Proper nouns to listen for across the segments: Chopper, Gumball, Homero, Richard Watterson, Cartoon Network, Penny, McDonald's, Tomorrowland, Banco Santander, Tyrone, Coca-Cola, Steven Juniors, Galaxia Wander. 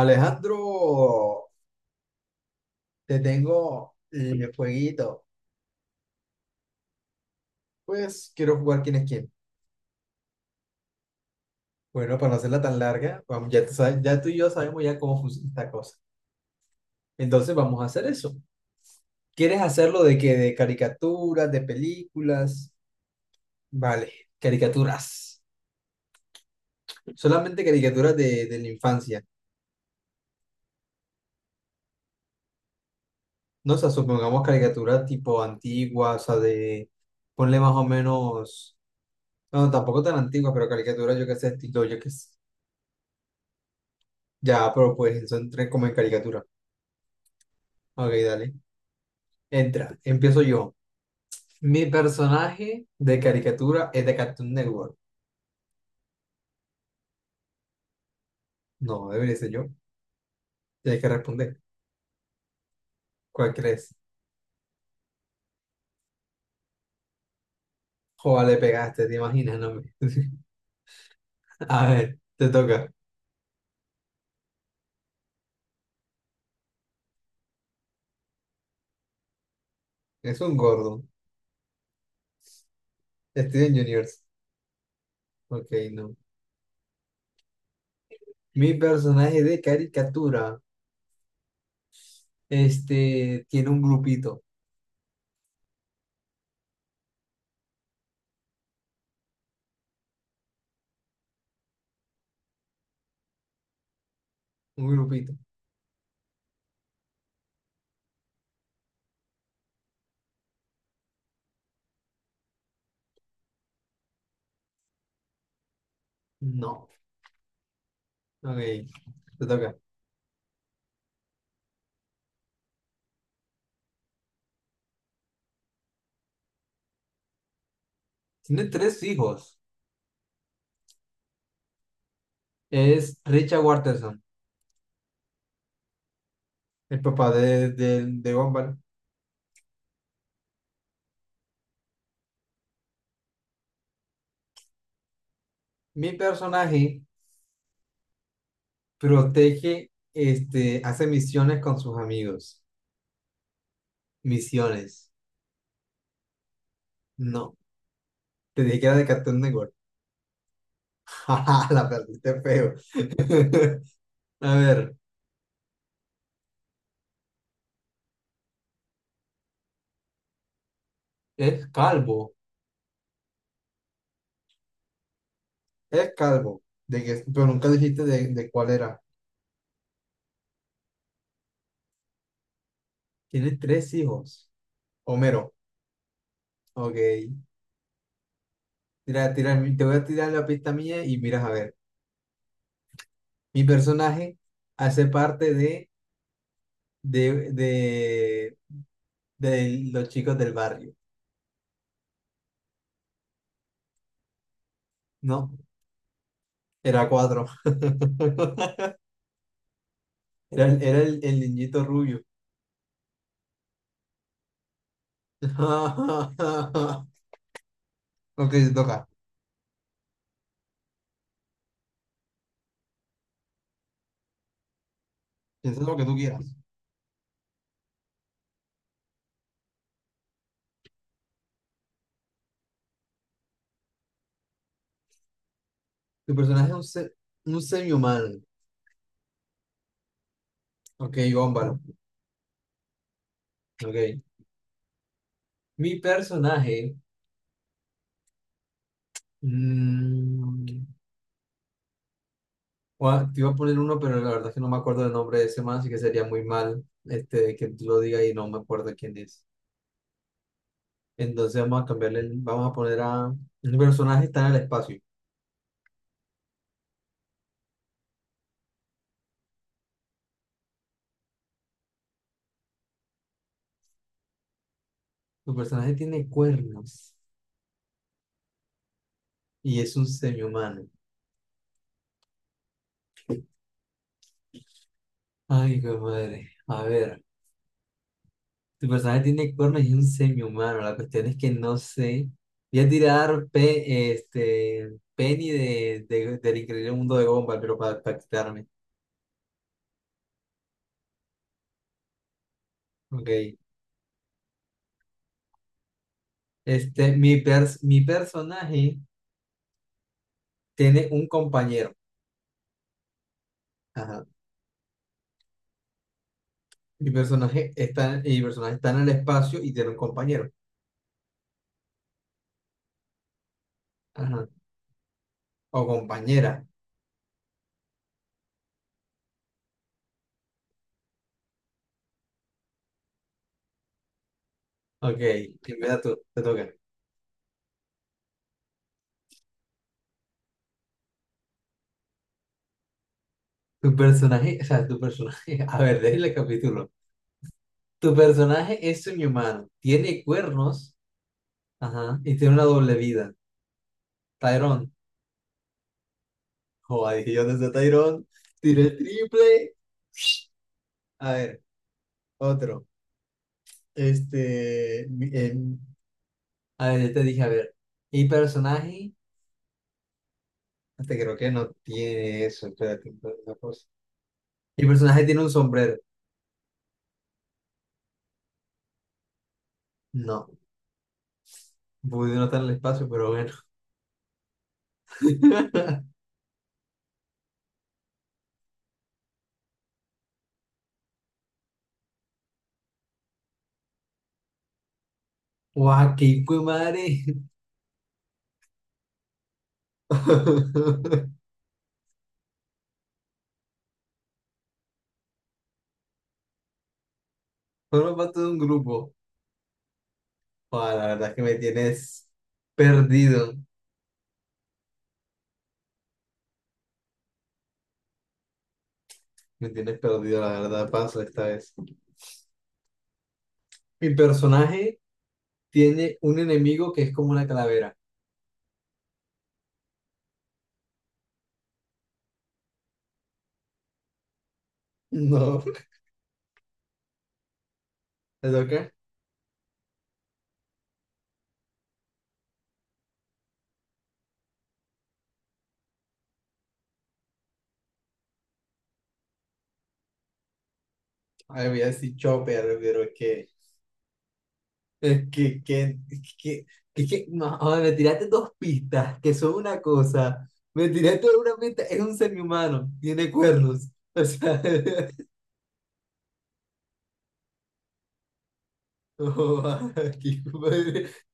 Alejandro, te tengo el jueguito. Pues quiero jugar quién es quién. Bueno, para no hacerla tan larga, vamos, ya, ya tú y yo sabemos ya cómo funciona esta cosa. Entonces vamos a hacer eso. ¿Quieres hacerlo de qué? ¿De caricaturas, de películas? Vale, caricaturas. Solamente caricaturas de la infancia. No, o sea, supongamos caricaturas tipo antiguas, o sea, de... Ponle más o menos... No, tampoco tan antiguas, pero caricaturas, yo qué sé, estilo, yo qué sé. Ya, pero pues eso entré como en caricatura. Ok, dale. Entra, empiezo yo. Mi personaje de caricatura es de Cartoon Network. No, debería ser yo. Tienes que responder. ¿Cuál crees? Joder, le pegaste, te imaginas, no me- A ver, te toca. Es un gordo. Steven Juniors. Ok, no. Mi personaje de caricatura, este, tiene un grupito. Un grupito. No. Ok, te toca. Tiene tres hijos. Es Richard Watterson. El papá de Gumball. Mi personaje protege, este, hace misiones con sus amigos. Misiones. No, te dije que era de Cartoon Network. Jaja, la perdiste feo. A ver, es calvo, es calvo. De que, pero nunca dijiste de cuál era. Tiene tres hijos. Homero, ok. Tira, tira, te voy a tirar la pista mía y miras a ver. Mi personaje hace parte de, de de los chicos del barrio. No, era cuatro. Era, era el niñito rubio. Ok, te toca. Piensa lo que tú quieras. Tu personaje es un semi-humano. Ok, bómbalo. Ok. Mi personaje. mm, Te iba a poner uno, pero la verdad es que no me acuerdo del nombre de ese man, así que sería muy mal este, que tú lo digas y no me acuerdo quién es. Entonces vamos a cambiarle. Vamos a poner a. Mi personaje está en el espacio. Tu personaje tiene cuernos y es un semihumano. Ay, qué madre. A ver, tu personaje tiene cuernos y es un semihumano. La cuestión es que no sé. Voy a tirar este, Penny del increíble mundo de Gumball, pero para quitarme. Ok. Este, mi personaje tiene un compañero. Ajá. Mi personaje está en el espacio y tiene un compañero. Ajá. O compañera. Ok. Empieza tú, te toca. Tu personaje, a ver, déjale el capítulo. Tu personaje es un humano, tiene cuernos, ajá, y tiene una doble vida. Tyrone, joder, dije yo desde Tyrone, tiré el triple. A ver, otro. Este, mi- em, a ver, yo te dije, a ver, mi personaje, hasta creo que no tiene eso, espérate, una cosa. Mi personaje tiene un sombrero. No, pude notar el espacio, pero bueno. Guau, qué hijo de madre. Formo parte de un grupo. Joder, la verdad es que me tienes perdido. Me tienes perdido, la verdad, paso esta vez. Mi personaje tiene un enemigo que es como una calavera. No, ¿te toca? Ay, voy a decir Chopper, pero es que... Es que, no, joder, me tiraste dos pistas, que son una cosa. Me tiraste una pista, es un ser humano, tiene cuernos. O sea, no, aquí, madre.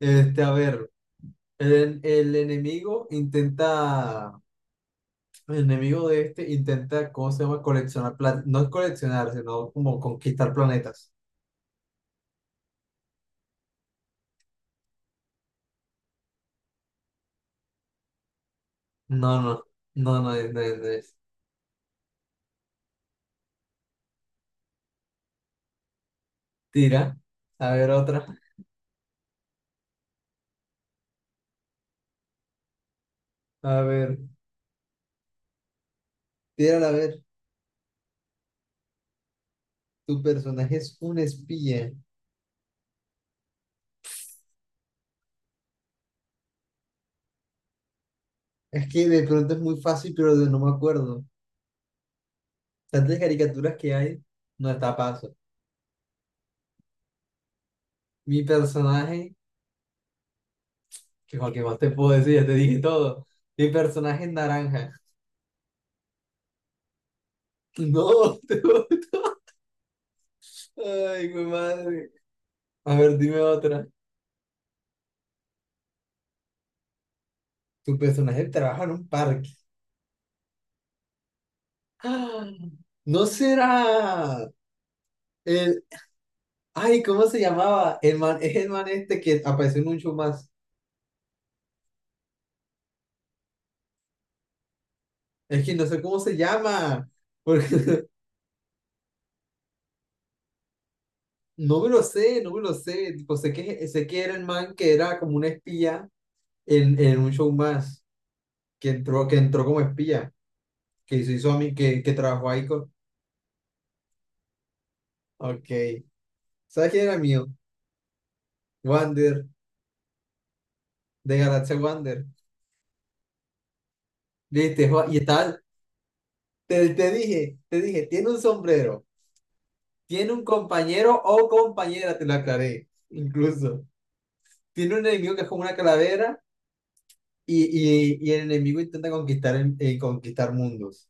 Este, a ver. El enemigo intenta, el enemigo de este intenta, ¿cómo se llama? Coleccionar, no es coleccionar, sino como conquistar planetas. No, no, no es, no es. Tira, a ver otra, a ver, tírala a ver. Tu personaje es un espía. Es que de pronto es muy fácil, no me acuerdo. Tantas caricaturas que hay, no está a paso. Mi personaje, que cualquier más te puedo decir, ya te dije todo. Mi personaje es naranja. No, tú. Ay, mi madre. A ver, dime otra. Tu personaje trabaja en un parque. Ah, ¿no será el... Ay, ¿cómo se llamaba? Es el man este que apareció en un show más. Es que no sé cómo se llama. Porque no me lo sé, no me lo sé. Tipo, sé que era el man que era como un espía en un show más. Que entró como espía. Que se hizo a mí, que trabajó ahí con... Ok. ¿Sabes quién era mío? Wander, de Galaxia Wander. Viste, Juan, y estás, te dije, tiene un sombrero, tiene un compañero o compañera, te lo aclaré, incluso. Tiene un enemigo que es como una calavera y el enemigo intenta conquistar, conquistar mundos.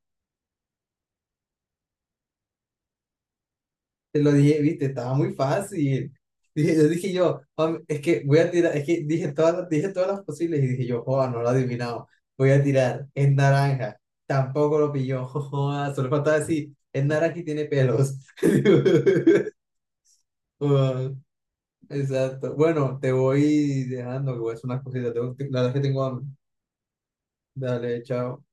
Te lo dije, viste, estaba muy fácil. Dije, "Juan, es que voy a tirar, es que dije todas, dije todas las posibles y dije yo, joda, no lo he adivinado, voy a tirar, es naranja, tampoco lo pilló, joda, solo faltaba decir, es naranja y tiene pelos." Ah, exacto. Bueno, te voy dejando, que voy a hacer unas cositas. La verdad es que tengo hambre. Dale, chao.